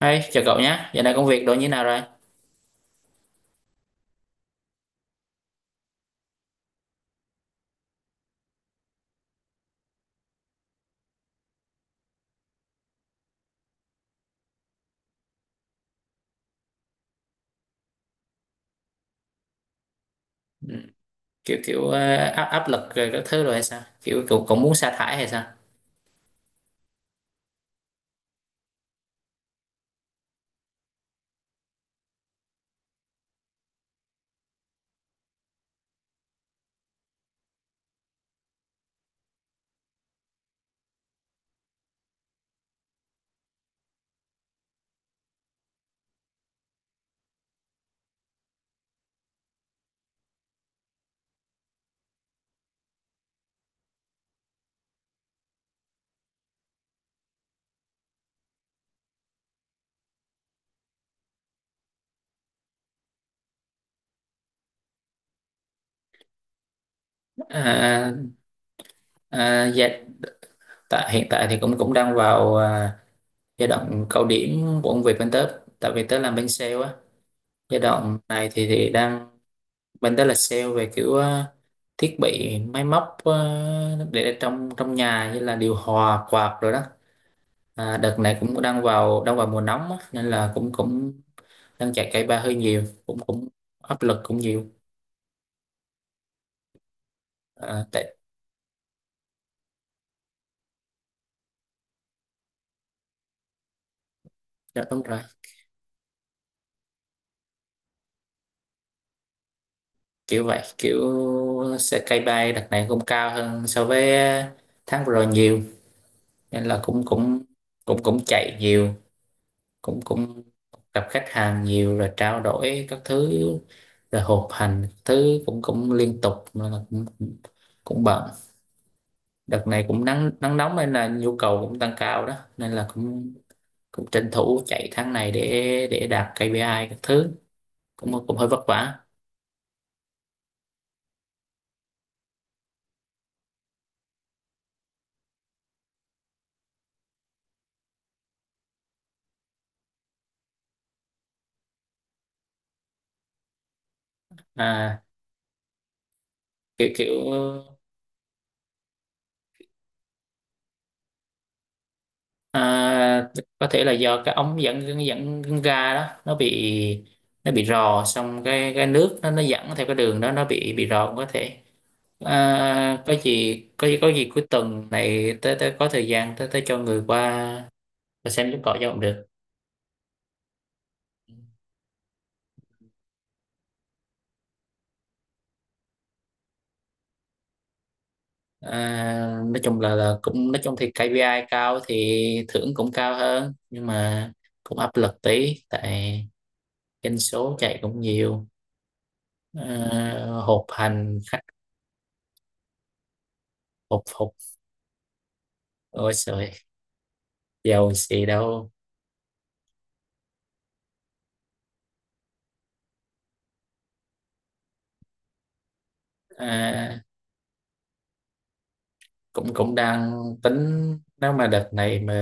Hey, chào cậu nhé. Giờ này công việc đồ như nào rồi? Ừ. Kiểu kiểu ờ, áp áp lực rồi các thứ rồi hay sao? Kiểu cậu cũng muốn sa thải hay sao? À, dạ, tại hiện tại thì cũng cũng đang vào giai đoạn cao điểm của công việc bên tớ. Tại vì tớ làm bên sale á. Giai đoạn này thì đang bên tớ là sale về kiểu thiết bị máy móc để trong trong nhà như là điều hòa quạt rồi đó. À, đợt này cũng đang vào mùa nóng á, nên là cũng cũng đang chạy cây ba hơi nhiều cũng cũng áp lực cũng nhiều. À, tại dạ, đúng rồi. Kiểu vậy kiểu xe cây bay đợt này cũng cao hơn so với tháng vừa rồi nhiều nên là cũng cũng cũng cũng chạy nhiều cũng cũng gặp khách hàng nhiều rồi trao đổi các thứ rồi họp hành thứ cũng cũng liên tục nên là cũng cũng cũng bận. Đợt này cũng nắng nắng nóng nên là nhu cầu cũng tăng cao đó nên là cũng cũng tranh thủ chạy tháng này để đạt KPI các thứ cũng cũng hơi vất vả. À kiểu kiểu à, có thể là do cái ống dẫn dẫn dẫn ra đó nó bị rò xong cái nước nó dẫn theo cái đường đó nó bị rò cũng có thể. À, có gì cuối tuần này tới tới có thời gian tới tới cho người qua và xem giúp cọ cho cũng được. À, nói chung là cũng nói chung thì KPI cao thì thưởng cũng cao hơn nhưng mà cũng áp lực tí tại doanh số chạy cũng nhiều. À, họp hành khách hộp phục. Ôi trời, giàu gì đâu. À, cũng cũng đang tính nếu mà đợt này mà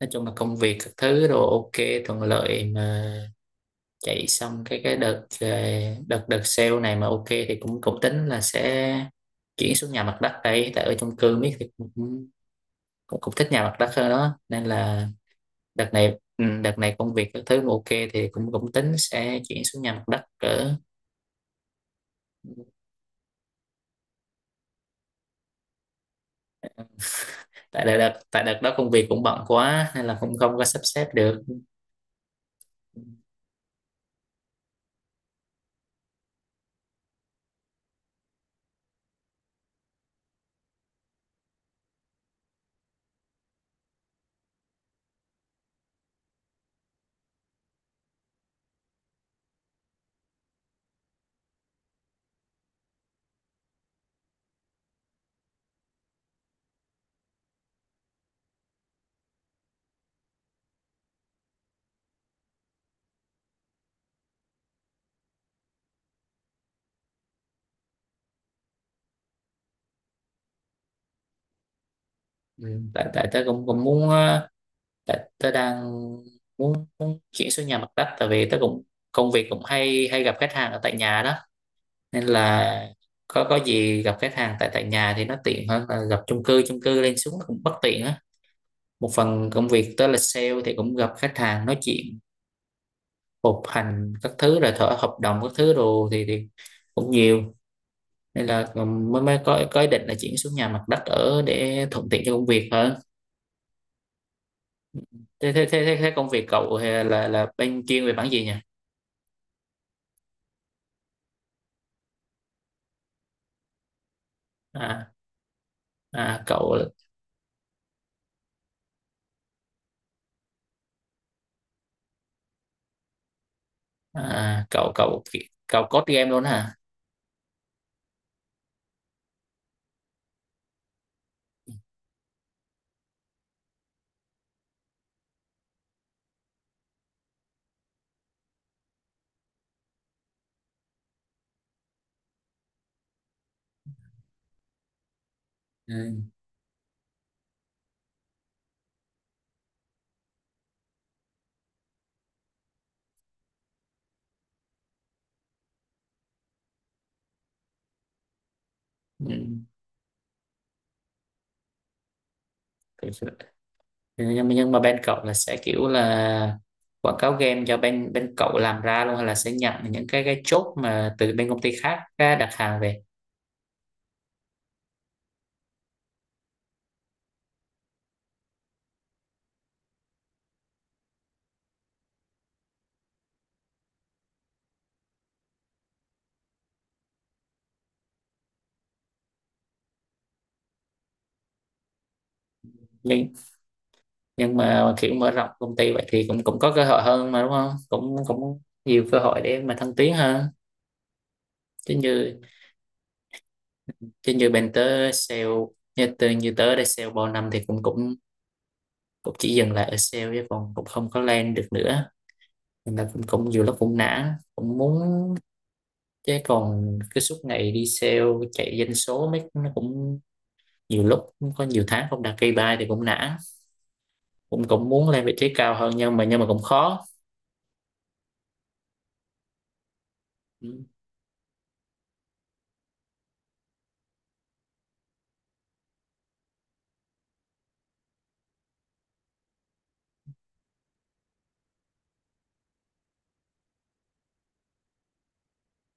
nói chung là công việc các thứ đồ ok, thuận lợi mà chạy xong cái đợt đợt đợt sale này mà ok thì cũng cũng tính là sẽ chuyển xuống nhà mặt đất đây tại ở chung cư biết thì cũng, cũng thích nhà mặt đất hơn đó nên là đợt này. Ừ, đợt này công việc các thứ mà ok thì cũng cũng tính sẽ chuyển xuống nhà mặt đất cỡ. Tại đợt đó công việc cũng bận quá nên là cũng không có sắp xếp được. Ừ, tại tại tớ cũng cũng muốn. Tại tớ đang muốn, muốn chuyển xuống nhà mặt đất tại vì tớ cũng công việc cũng hay hay gặp khách hàng ở tại nhà đó nên là có gì gặp khách hàng tại tại nhà thì nó tiện hơn là gặp chung cư lên xuống nó cũng bất tiện á. Một phần công việc tớ là sale thì cũng gặp khách hàng nói chuyện họp hành các thứ rồi thở hợp đồng các thứ đồ thì cũng nhiều nên là mới mới có ý định là chuyển xuống nhà mặt đất ở để thuận tiện cho công việc hơn. Thế thế thế thế thế công việc cậu là bên chuyên về mảng gì nhỉ? À, à cậu, à, cậu cậu cậu code game luôn hả? Ừ. Ừ. Thực sự- nhưng mà bên cậu là sẽ kiểu là quảng cáo game do bên bên cậu làm ra luôn hay là sẽ nhận những cái chốt mà từ bên công ty khác á, đặt hàng về? Nhưng mà kiểu mở rộng công ty vậy thì cũng cũng có cơ hội hơn mà đúng không, cũng cũng nhiều cơ hội để mà thăng tiến hơn. Chứ như chứ như bên tớ sale, như từ như tớ đây sale bao năm thì cũng cũng cũng chỉ dừng lại ở sale chứ còn cũng không có lên được nữa nên là cũng, cũng nhiều lúc cũng nản cũng muốn. Chứ còn cứ suốt ngày đi sale chạy doanh số mấy nó cũng nhiều lúc cũng có nhiều tháng không đạt KPI thì cũng nản, cũng cũng muốn lên vị trí cao hơn nhưng mà cũng khó. Ừ,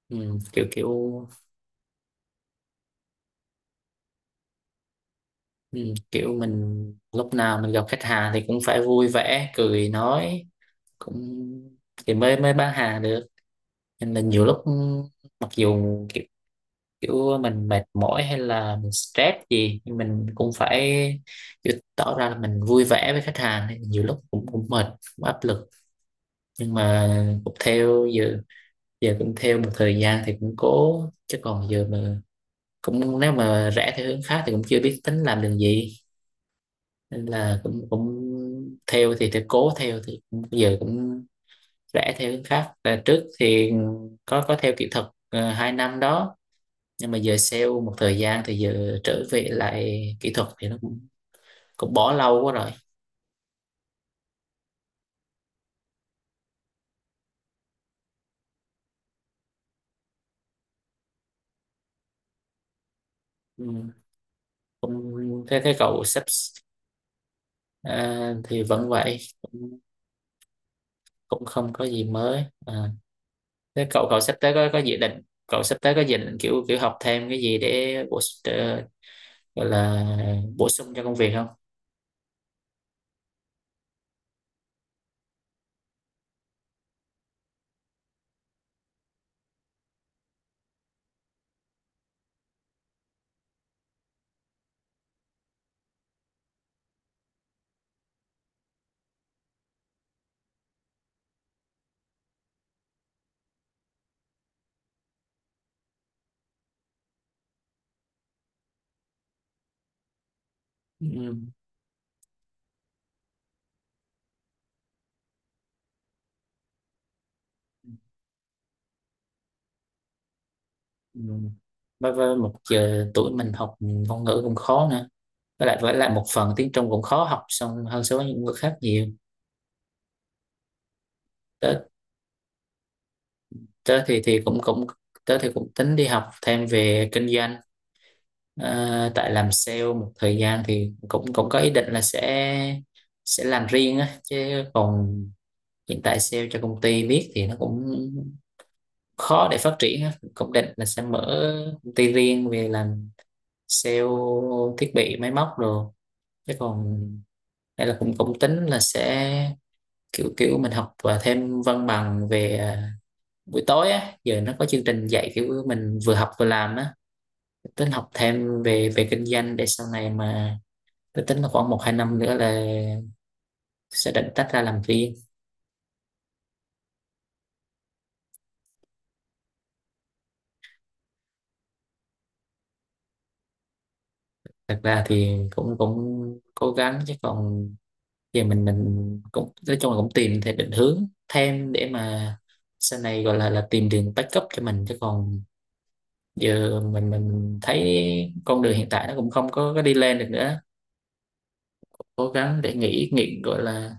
ừ, kiểu kiểu, ừ, kiểu mình lúc nào mình gặp khách hàng thì cũng phải vui vẻ cười nói cũng thì mới mới bán hàng được nên là nhiều lúc mặc dù kiểu kiểu mình mệt mỏi hay là mình stress gì nhưng mình cũng phải kiểu tỏ ra là mình vui vẻ với khách hàng nên nhiều lúc cũng cũng mệt cũng áp lực, nhưng mà cũng theo giờ. Giờ cũng theo một thời gian thì cũng cố chứ còn giờ mà cũng nếu mà rẽ theo hướng khác thì cũng chưa biết tính làm đường gì nên là cũng cũng theo thì cố theo thì cũng, giờ cũng rẽ theo hướng khác. Và trước thì có theo kỹ thuật 2 năm đó, nhưng mà giờ sale một thời gian thì giờ trở về lại kỹ thuật thì nó cũng cũng bỏ lâu quá rồi. Ừ. Cũng thế, thế cậu sắp, à, thì vẫn vậy cũng, cũng không có gì mới à. Thế cậu cậu sắp tới có dự định, cậu sắp tới có dự định kiểu kiểu học thêm cái gì để bổ trợ- gọi là bổ sung cho công việc không? Ừ. Ừ. Với một giờ tuổi mình học ngôn ngữ cũng khó nữa, với lại một phần tiếng Trung cũng khó học xong hơn so với những người khác nhiều. Tớ tớ thì thì cũng cũng tớ thì cũng tính đi học thêm về kinh doanh. Ờ, tại làm sale một thời gian thì cũng cũng có ý định là sẽ làm riêng á chứ còn hiện tại sale cho công ty biết thì nó cũng khó để phát triển á, cũng định là sẽ mở công ty riêng về làm sale thiết bị máy móc rồi chứ còn hay là cũng cũng tính là sẽ kiểu kiểu mình học và thêm văn bằng về buổi tối á giờ nó có chương trình dạy kiểu mình vừa học vừa làm á, tính học thêm về về kinh doanh để sau này mà tôi tính là khoảng một hai năm nữa là sẽ định tách ra làm riêng. Thật ra thì cũng cũng cố gắng chứ còn giờ mình cũng nói chung là cũng tìm thêm định hướng thêm để mà sau này gọi là tìm đường backup cho mình chứ còn giờ mình thấy con đường hiện tại nó cũng không có, có đi lên được nữa, cố gắng để nghĩ nghĩ gọi là.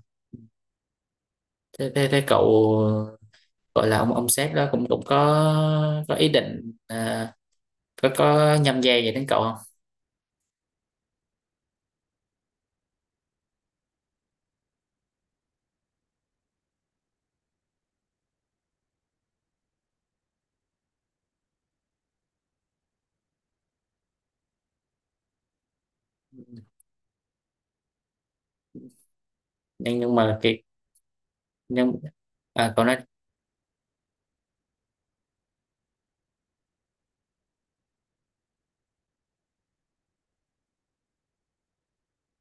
Thế thế, thế cậu, gọi là ông sếp đó cũng cũng có ý định có nhâm dây vậy đến cậu không? Nhưng mà cái, nhưng à, cậu nói.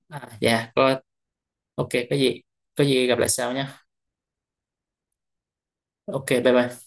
À, dạ có. Ok, có gì, có gì gặp lại sau nhé. Ok, bye bye.